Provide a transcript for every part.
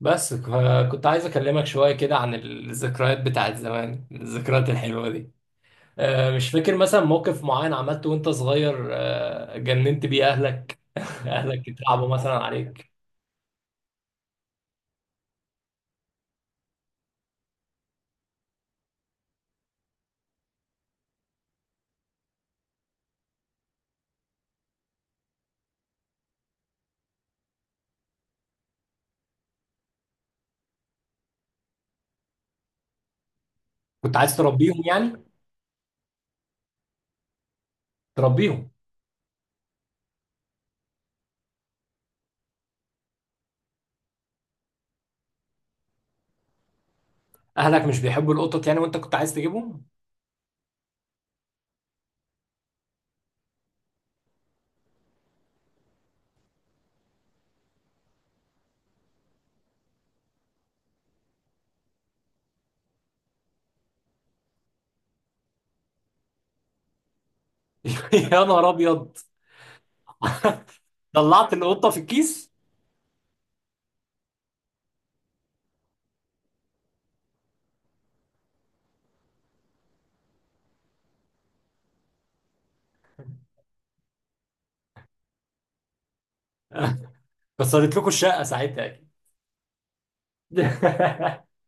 بس كنت عايز اكلمك شويه كده عن الذكريات بتاعت زمان، الذكريات الحلوه دي. مش فاكر مثلا موقف معين عملته وانت صغير، جننت بيه اهلك اهلك اترعبوا مثلا عليك. كنت عايز تربيهم يعني. تربيهم. اهلك مش بيحبوا القطط يعني وانت كنت عايز تجيبهم. يا نهار ابيض. طلعت القطه في الكيس. كسرت لكم الشقه ساعتها اكيد.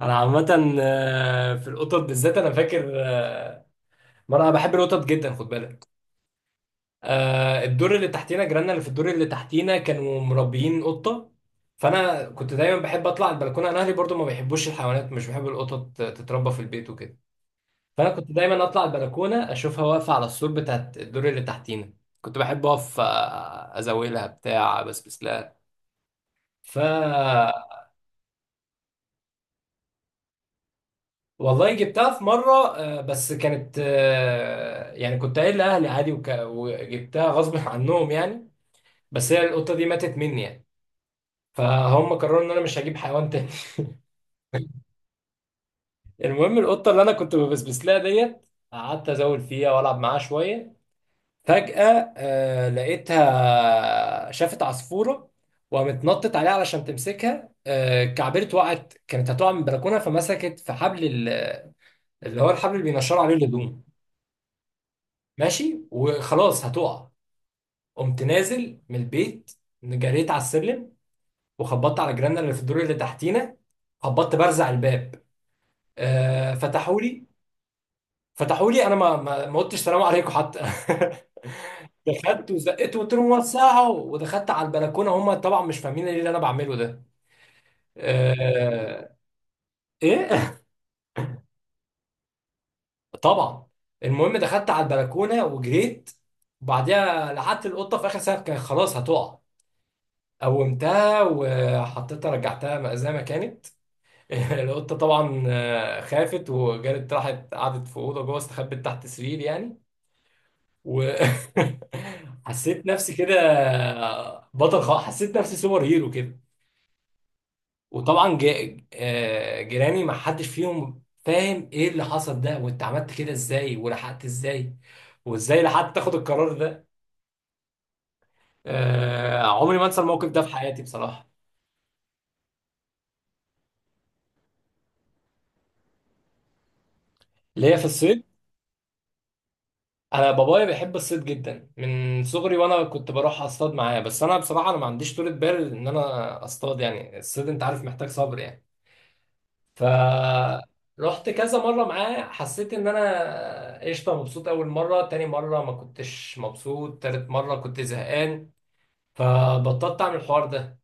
انا عامه في القطط بالذات انا فاكر، ما انا بحب القطط جدا، خد بالك. الدور اللي تحتينا، جيراننا اللي في الدور اللي تحتينا كانوا مربيين قطه. فانا كنت دايما بحب اطلع البلكونه، انا اهلي برضو ما بيحبوش الحيوانات، مش بيحبوا القطط تتربى في البيت وكده. فانا كنت دايما اطلع البلكونه اشوفها واقفه على السور بتاعت الدور اللي تحتينا. كنت بحب اقف، ازاولها بتاع بسبس لها. ف والله جبتها في مرة، بس كانت، يعني كنت قايل لأهلي عادي وجبتها غصب عنهم يعني. بس هي القطة دي ماتت مني يعني. فهم قرروا ان انا مش هجيب حيوان تاني. المهم القطه اللي انا كنت ببسبس لها ديت، قعدت ازول فيها والعب معاها شويه. فجاه لقيتها شافت عصفوره وقامت نطت عليها علشان تمسكها، كعبرت وقعت، كانت هتقع من البلكونه، فمسكت في حبل اللي هو الحبل اللي بينشروا عليه الهدوم. ماشي وخلاص هتقع. قمت نازل من البيت، جريت على السلم وخبطت على جيراننا اللي في الدور اللي تحتينا، خبطت برزع الباب. فتحوا لي. فتحوا لي انا ما قلتش سلام عليكم حتى. دخلت وزقت وقلت لهم وسعوا ودخلت على البلكونه، هم طبعا مش فاهمين ايه اللي انا بعمله ده. آه... ايه. طبعا. المهم دخلت على البلكونه وجريت وبعديها لحقت القطه في اخر سنه، كانت خلاص هتقع. قومتها وحطيتها رجعتها زي ما كانت. القطه طبعا خافت وجرت راحت قعدت في اوضه جوه، استخبت تحت سرير يعني. وحسيت نفسي كده بطل خالص، حسيت نفسي سوبر هيرو كده. وطبعا جيراني ما حدش فيهم فاهم ايه اللي حصل ده، وانت عملت كده ازاي، ولحقت ازاي، وازاي لحقت تاخد القرار ده. عمري ما انسى الموقف ده في حياتي بصراحة. اللي هي في الصيد. انا بابايا بيحب الصيد جدا من صغري وانا كنت بروح اصطاد معاه، بس انا بصراحة انا ما عنديش طولة بال ان انا اصطاد، يعني الصيد انت عارف محتاج صبر يعني. فرحت كذا مرة معاه، حسيت ان انا قشطة مبسوط اول مرة، تاني مرة ما كنتش مبسوط، تالت مرة كنت زهقان. فبطلت اعمل الحوار ده،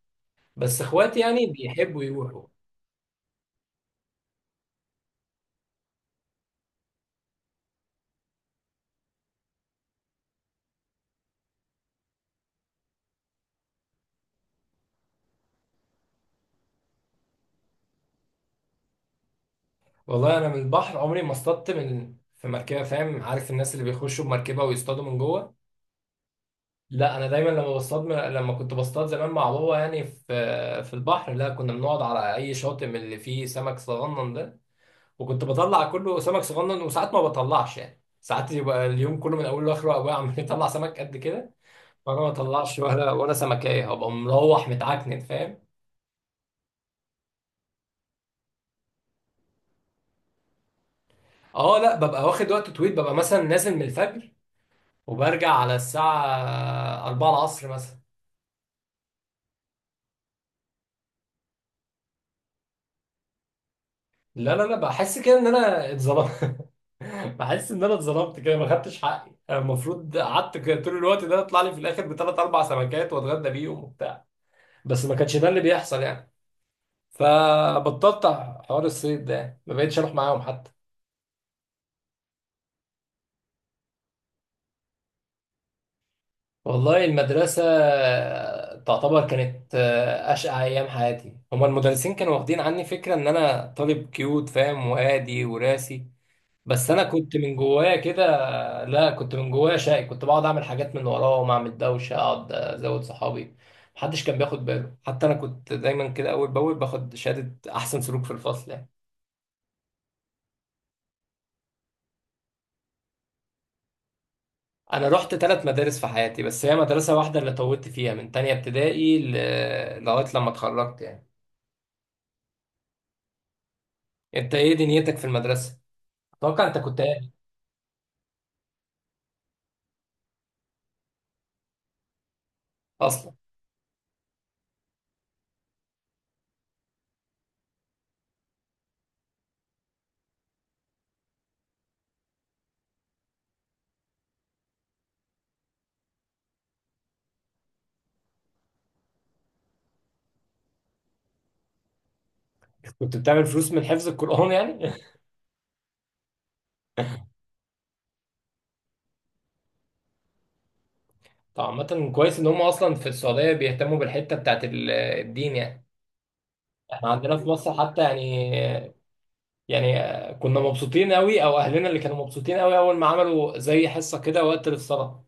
بس اخواتي يعني بيحبوا يروحوا. والله انا من البحر عمري ما اصطدت من في مركبة، فاهم، عارف الناس اللي بيخشوا بمركبة ويصطادوا من جوه. لا انا دايما لما بصطاد، لما كنت بصطاد زمان مع بابا يعني في البحر، لا كنا بنقعد على اي شاطئ من اللي فيه سمك صغنن ده، وكنت بطلع كله سمك صغنن، وساعات ما بطلعش، يعني ساعات يبقى اليوم كله من اوله لاخره ابويا عمال يطلع سمك قد كده وانا ما بطلعش ولا سمكايه، هبقى مروح متعكنن، فاهم. اه لا ببقى واخد وقت طويل، ببقى مثلا نازل من الفجر وبرجع على الساعه 4 العصر مثلا. لا لا لا، بحس كده ان انا اتظلمت، بحس ان انا اتظلمت كده، ما خدتش حقي، أنا المفروض قعدت كده طول الوقت ده يطلع لي في الاخر بثلاث اربع سمكات واتغدى بيهم وبتاع، بس ما كانش ده اللي بيحصل يعني، فبطلت حوار الصيد ده، ما بقتش اروح معاهم حتى. والله المدرسة تعتبر كانت، أشقى أيام حياتي، هما المدرسين كانوا واخدين عني فكرة إن أنا طالب كيوت، فاهم، وهادي وراسي، بس أنا كنت من جوايا كده. لا كنت من جوايا شقي، كنت بقعد أعمل حاجات من وراهم، أعمل دوشة، أقعد أزود صحابي، محدش كان بياخد باله، حتى أنا كنت دايما كده أول بأول باخد شهادة أحسن سلوك في الفصل يعني. انا رحت ثلاث مدارس في حياتي، بس هي مدرسة واحدة اللي طولت فيها من تانية ابتدائي لغاية لما اتخرجت يعني. انت ايه دنيتك في المدرسة؟ اتوقع انت كنت قاعد اصلا. كنت بتعمل فلوس من حفظ القرآن يعني؟ طب عامة كويس ان هم اصلا في السعودية بيهتموا بالحتة بتاعت الدين يعني. احنا عندنا في مصر حتى يعني، يعني كنا مبسوطين قوي، او اهلنا اللي كانوا مبسوطين قوي، اول ما عملوا زي حصة كده وقت الصلاة.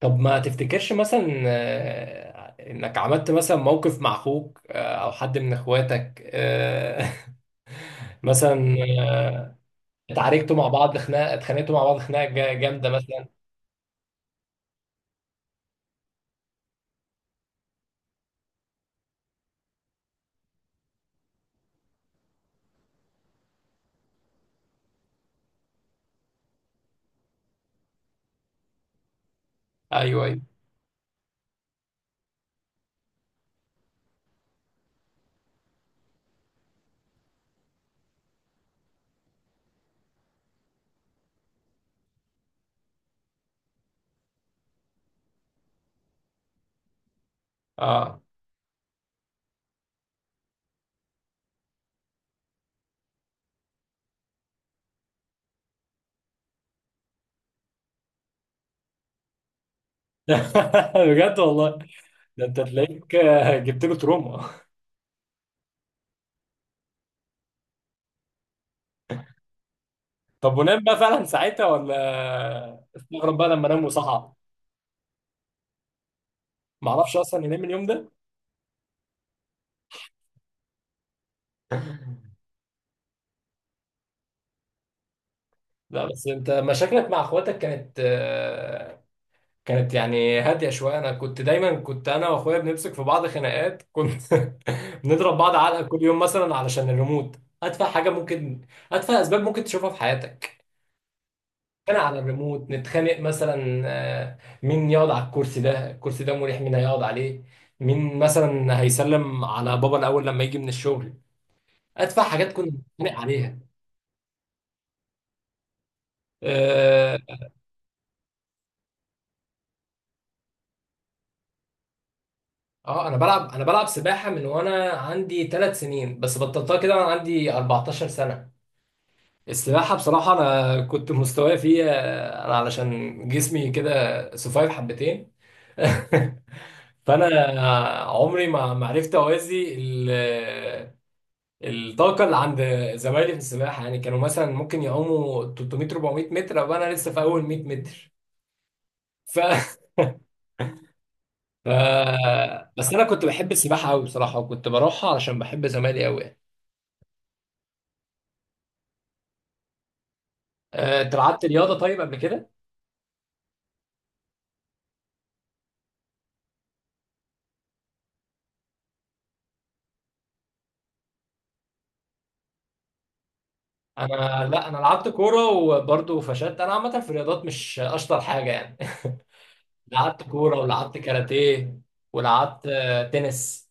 طب ما تفتكرش مثلا، انك عملت مثلا موقف مع اخوك، او حد من اخواتك، مثلا، آه، اتعاركتوا مع بعض خناقه، اتخانقتوا مع بعض خناقه جامده مثلا. ايوه ايوه اه. بجد والله، ده انت تلاقيك جبت له تروما. طب ونام بقى فعلا ساعتها ولا استغرب بقى لما نام وصحى؟ ما اعرفش اصلا ينام اليوم ده. لا بس انت مشاكلك مع اخواتك كانت، كانت يعني هادية شوية. أنا كنت دايما، كنت أنا وأخويا بنمسك في بعض خناقات، كنت بنضرب بعض علقة كل يوم مثلا علشان الريموت. أتفه حاجة ممكن، أتفه أسباب ممكن تشوفها في حياتك. كان على الريموت نتخانق مثلا، مين يقعد على الكرسي ده، الكرسي ده مريح مين هيقعد عليه، مين مثلا هيسلم على بابا الأول لما يجي من الشغل. أتفه حاجات كنا بنتخانق عليها. آه أنا بلعب سباحة من وأنا عندي ثلاث سنين بس بطلتها كده وأنا عندي 14 سنة. السباحة بصراحة أنا كنت مستواي فيها، أنا علشان جسمي كده سفايف حبتين. فأنا عمري ما عرفت أوازي الطاقة اللي عند زمايلي في السباحة، يعني كانوا مثلا ممكن يعوموا 300 400 متر وأنا لسه في أول 100 متر. ف... ف... بس أنا كنت بحب السباحة أوي بصراحة، وكنت بروحها علشان بحب زمايلي أوي يعني. أنت لعبت رياضة طيب قبل كده؟ انا لا انا لعبت كوره وبرضه فشلت، انا عامه في الرياضات مش اشطر حاجه يعني. لعبت كوره ولعبت كاراتيه ولعبت، تنس.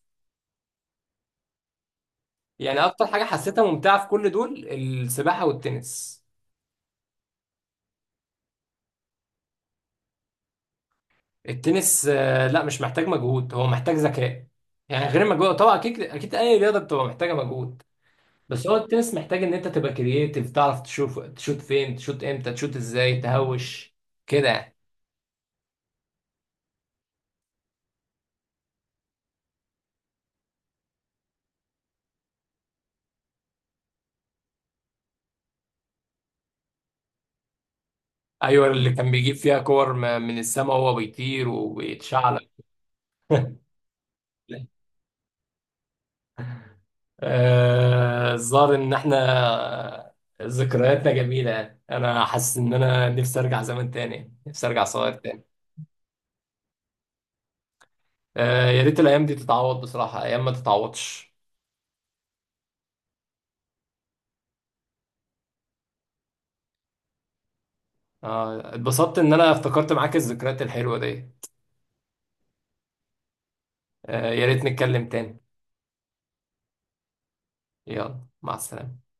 يعني اكتر حاجه حسيتها ممتعه في كل دول السباحه والتنس. التنس، لا مش محتاج مجهود، هو محتاج ذكاء، يعني غير مجهود طبعا، اكيد اكيد اي رياضه بتبقى محتاجه مجهود، بس هو التنس محتاج ان انت تبقى كرييتيف، تعرف تشوف تشوت فين، تشوت امتى، تشوت ازاي، تهوش كده يعني. ايوه اللي كان بيجيب فيها كور من السماء وهو بيطير، اه، وبيتشعلق. الظاهر ان احنا ذكرياتنا جميله يعني، انا حاسس ان انا نفسي ارجع زمان تاني، نفسي ارجع صغير تاني. يا ريت الايام دي تتعوض بصراحه، ايام ما تتعوضش. اتبسطت ان انا افتكرت معاك الذكريات الحلوه دي. يا ريت نتكلم تاني. يلا مع السلامه.